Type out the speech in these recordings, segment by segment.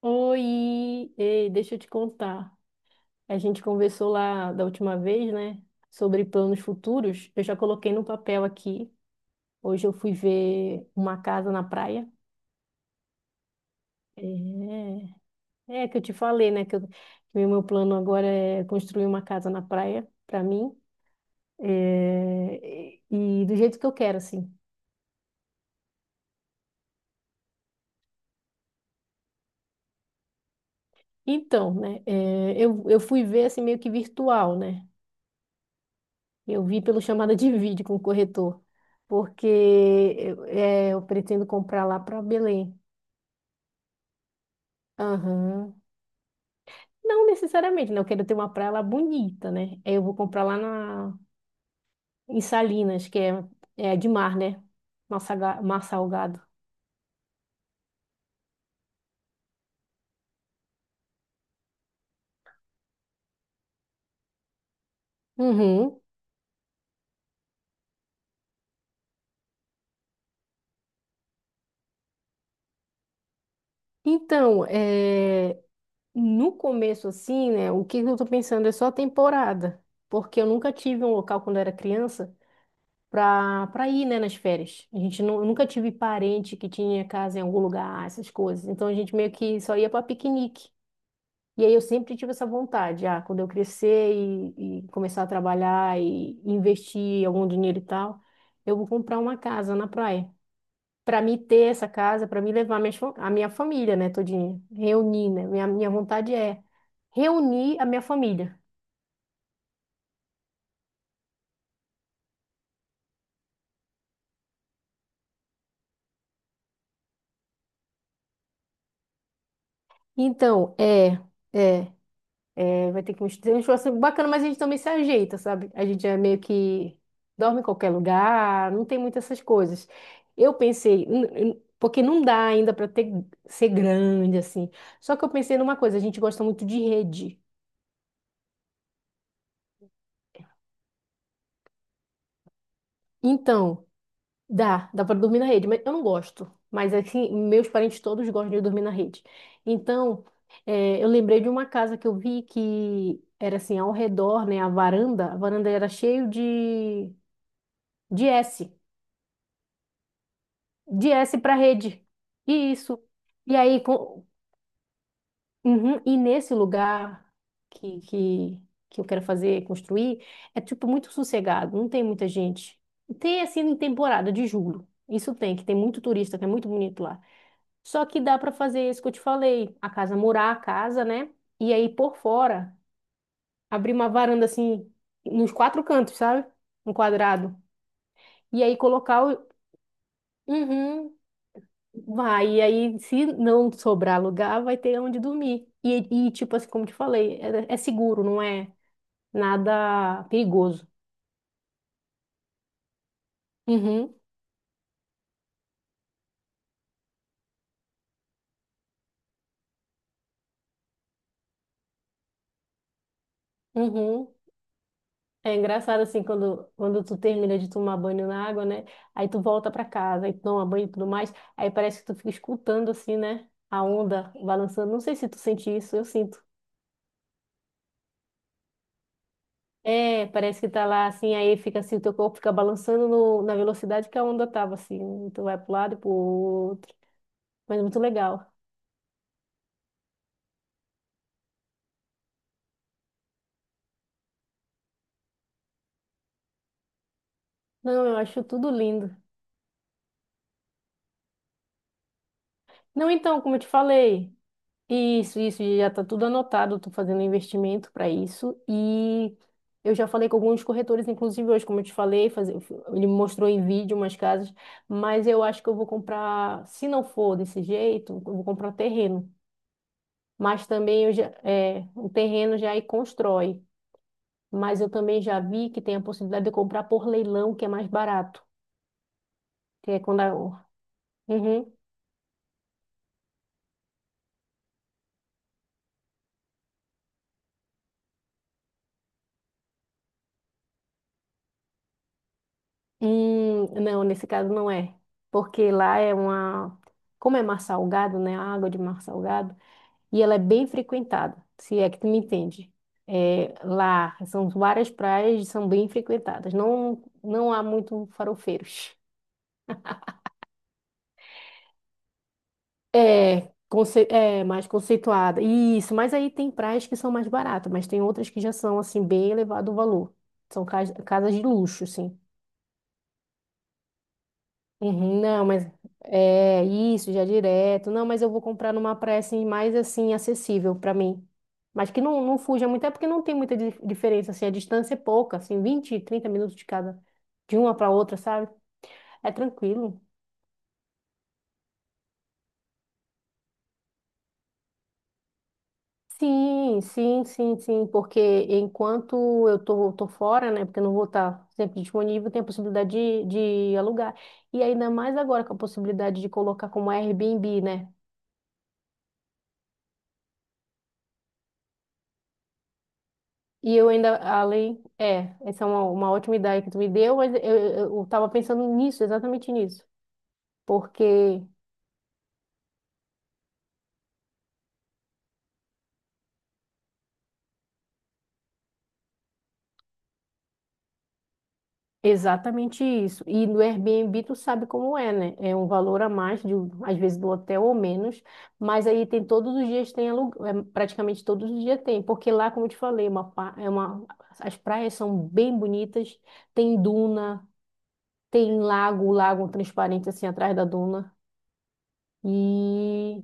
Oi, ei, deixa eu te contar. A gente conversou lá da última vez, né, sobre planos futuros. Eu já coloquei no papel aqui. Hoje eu fui ver uma casa na praia. É, é que eu te falei, né, que o meu plano agora é construir uma casa na praia para mim, e do jeito que eu quero, assim. Eu fui ver assim meio que virtual, né? Eu vi pelo chamada de vídeo com o corretor, porque eu pretendo comprar lá para Belém. Aham. Não necessariamente, né? Eu quero ter uma praia lá bonita, né? Aí eu vou comprar lá na, Em Salinas, é de mar, né? Mar salgado. Uhum. Então, é, no começo, assim, né, o que eu tô pensando é só a temporada, porque eu nunca tive um local quando eu era criança pra ir, né, nas férias. Nunca tive parente que tinha casa em algum lugar, ah, essas coisas. Então a gente meio que só ia para piquenique. E aí eu sempre tive essa vontade, ah, quando eu crescer e começar a trabalhar e investir algum dinheiro e tal, eu vou comprar uma casa na praia. Para mim ter essa casa, para mim levar a minha família, né, todinha, reunir, né? Minha vontade é reunir a minha família. Então, é, é. É, vai ter que mostrar um esforço bacana, mas a gente também se ajeita, sabe? A gente é meio que dorme em qualquer lugar, não tem muitas essas coisas. Eu pensei, n- n- Porque não dá ainda para ter ser grande assim. Só que eu pensei numa coisa, a gente gosta muito de rede. Então, dá para dormir na rede, mas eu não gosto. Mas assim, meus parentes todos gostam de dormir na rede. Então, eu lembrei de uma casa que eu vi que era assim, ao redor, né, a varanda era cheio de S. De S para rede. E Isso. E aí, com... Uhum. E nesse lugar que, que, que eu quero fazer, construir, é tipo muito sossegado, não tem muita gente. Tem assim em temporada de julho. Isso tem, que tem muito turista, que é muito bonito lá. Só que dá para fazer isso que eu te falei, a casa murar a casa, né? E aí por fora, abrir uma varanda assim nos quatro cantos, sabe? Um quadrado. E aí colocar o... Uhum. Vai, e aí, se não sobrar lugar, vai ter onde dormir. E tipo assim, como te falei, é seguro, não é nada perigoso. Uhum, uhum. É engraçado assim, quando tu termina de tomar banho na água, né? Aí tu volta pra casa, aí tu toma banho e tudo mais. Aí parece que tu fica escutando assim, né, a onda balançando. Não sei se tu sente isso, eu sinto. É, parece que tá lá assim, aí fica assim, o teu corpo fica balançando na velocidade que a onda tava assim. Tu vai pro lado e pro outro. Mas é muito legal. Não, eu acho tudo lindo. Não, então, como eu te falei, isso, já está tudo anotado. Estou fazendo investimento para isso e eu já falei com alguns corretores, inclusive hoje, como eu te falei, fazer, ele me mostrou em vídeo umas casas, mas eu acho que eu vou comprar, se não for desse jeito, eu vou comprar terreno. Mas também eu já, é, O terreno já aí constrói, mas eu também já vi que tem a possibilidade de comprar por leilão, que é mais barato, que é quando a... Uhum. Não, nesse caso não é. Porque lá é uma. Como é mar salgado, né? A água de mar salgado. E ela é bem frequentada, se é que tu me entende. É, lá são várias praias e são bem frequentadas. Não, não há muito farofeiros. É mais conceituada. Isso, mas aí tem praias que são mais baratas, mas tem outras que já são, assim, bem elevado o valor. São casas de luxo, assim. Uhum, não, mas é isso, já é direto. Não, mas eu vou comprar numa praia assim, mais assim, acessível para mim. Mas que não, não fuja muito, é porque não tem muita diferença, assim, a distância é pouca, assim, 20, 30 minutos de cada, de uma para outra, sabe? É tranquilo. Sim, sim, sim, sim, porque enquanto eu tô fora, né, porque eu não vou estar sempre disponível, tem a possibilidade de alugar. E ainda mais agora com a possibilidade de colocar como Airbnb, né? E eu ainda, além, é, Essa é uma ótima ideia que tu me deu, mas eu tava pensando nisso, exatamente nisso. Porque, exatamente isso. E no Airbnb tu sabe como é, né? É um valor a mais, às vezes do hotel ou menos, mas aí tem todos os dias tem aluguel, é, praticamente todos os dias tem. Porque lá, como eu te falei, é uma, pa- é uma, as praias são bem bonitas, tem duna, tem lago, lago transparente assim atrás da duna. E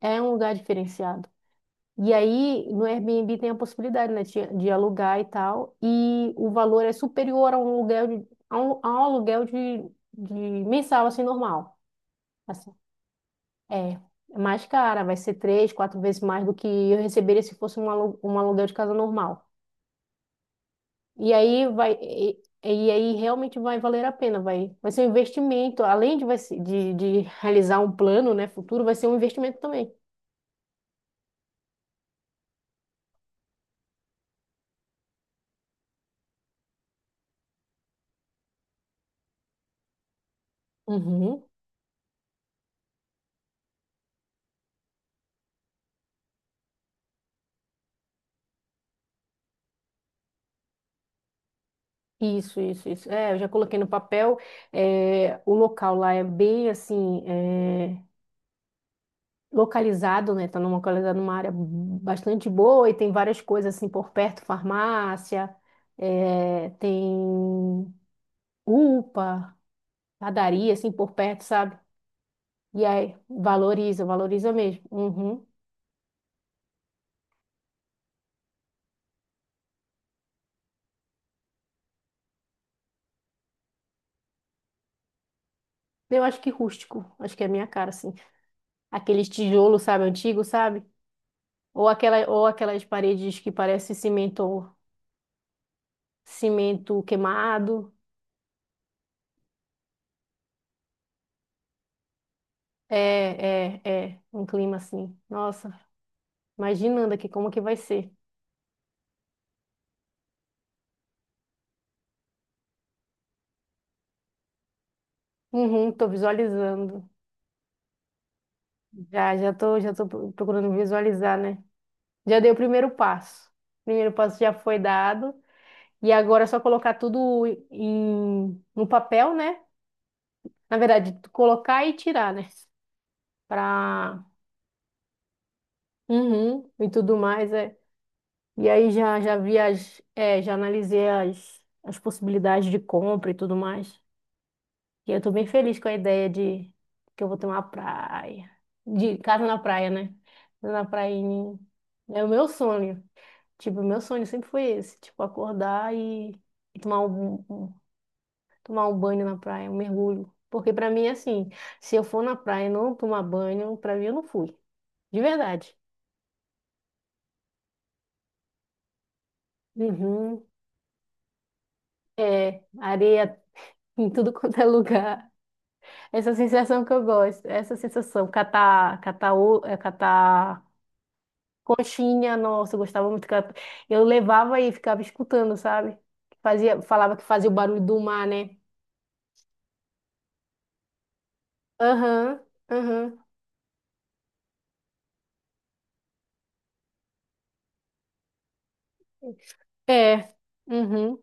é um lugar diferenciado. E aí, no Airbnb tem a possibilidade, né, de alugar e tal, e o valor é superior a um aluguel de, a um aluguel de mensal, assim, normal. Assim, é mais cara, vai ser três, quatro vezes mais do que eu receberia se fosse um aluguel de casa normal. E aí vai, e aí realmente vai valer a pena, vai, vai ser um investimento, além de, de realizar um plano, né, futuro, vai ser um investimento também. Uhum. Isso. É, eu já coloquei no papel. O local lá é bem assim, localizado, né? Localizado numa área bastante boa e tem várias coisas assim por perto, farmácia, tem UPA, padaria assim por perto, sabe? E aí, valoriza mesmo. Uhum. Eu acho que rústico, acho que é a minha cara, assim. Aqueles tijolos, sabe, antigo, sabe? Ou aquelas paredes que parece cimento, cimento queimado. Um clima assim. Nossa, imaginando aqui como que vai ser. Uhum, tô visualizando. Procurando visualizar, né? Já dei o primeiro passo. O primeiro passo já foi dado. E agora é só colocar tudo em, no papel, né? Na verdade, tu colocar e tirar, né? Pra, uhum, e tudo mais, é. E aí já, já analisei as possibilidades de compra e tudo mais. E eu tô bem feliz com a ideia de que eu vou ter uma praia. De casa na praia, né? Casa Na praia em- É o meu sonho. Tipo, o meu sonho sempre foi esse. Tipo, acordar e tomar um banho na praia, um mergulho. Porque pra mim, é assim, se eu for na praia e não tomar banho, pra mim eu não fui. De verdade. Uhum. É, areia em tudo quanto é lugar. Essa sensação que eu gosto. Essa sensação, catar conchinha, nossa, eu gostava muito. Eu levava e ficava escutando, sabe? Fazia, falava que fazia o barulho do mar, né? Aham, aham. É. Uhum.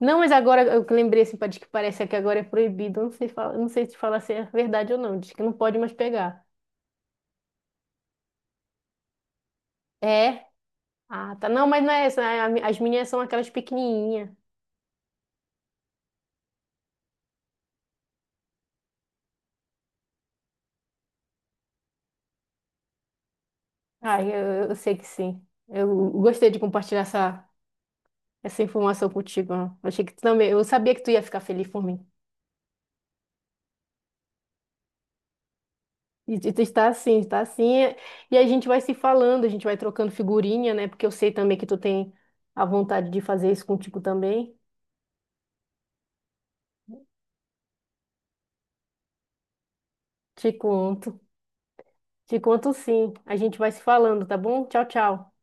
Não, mas agora eu que lembrei assim, pá, diz que parece que agora é proibido. Eu não sei, eu não sei se falar se é verdade ou não. Diz que não pode mais pegar. É? Ah, tá. Não, mas não é essa. As minhas são aquelas pequenininhas. Ah, eu sei que sim. Eu gostei de compartilhar essa informação contigo, ó. Achei que tu também. Eu sabia que tu ia ficar feliz por mim. E está assim, é. E a gente vai se falando, a gente vai trocando figurinha, né? Porque eu sei também que tu tem a vontade de fazer isso contigo também. Te conto. Te conto sim. A gente vai se falando, tá bom? Tchau, tchau.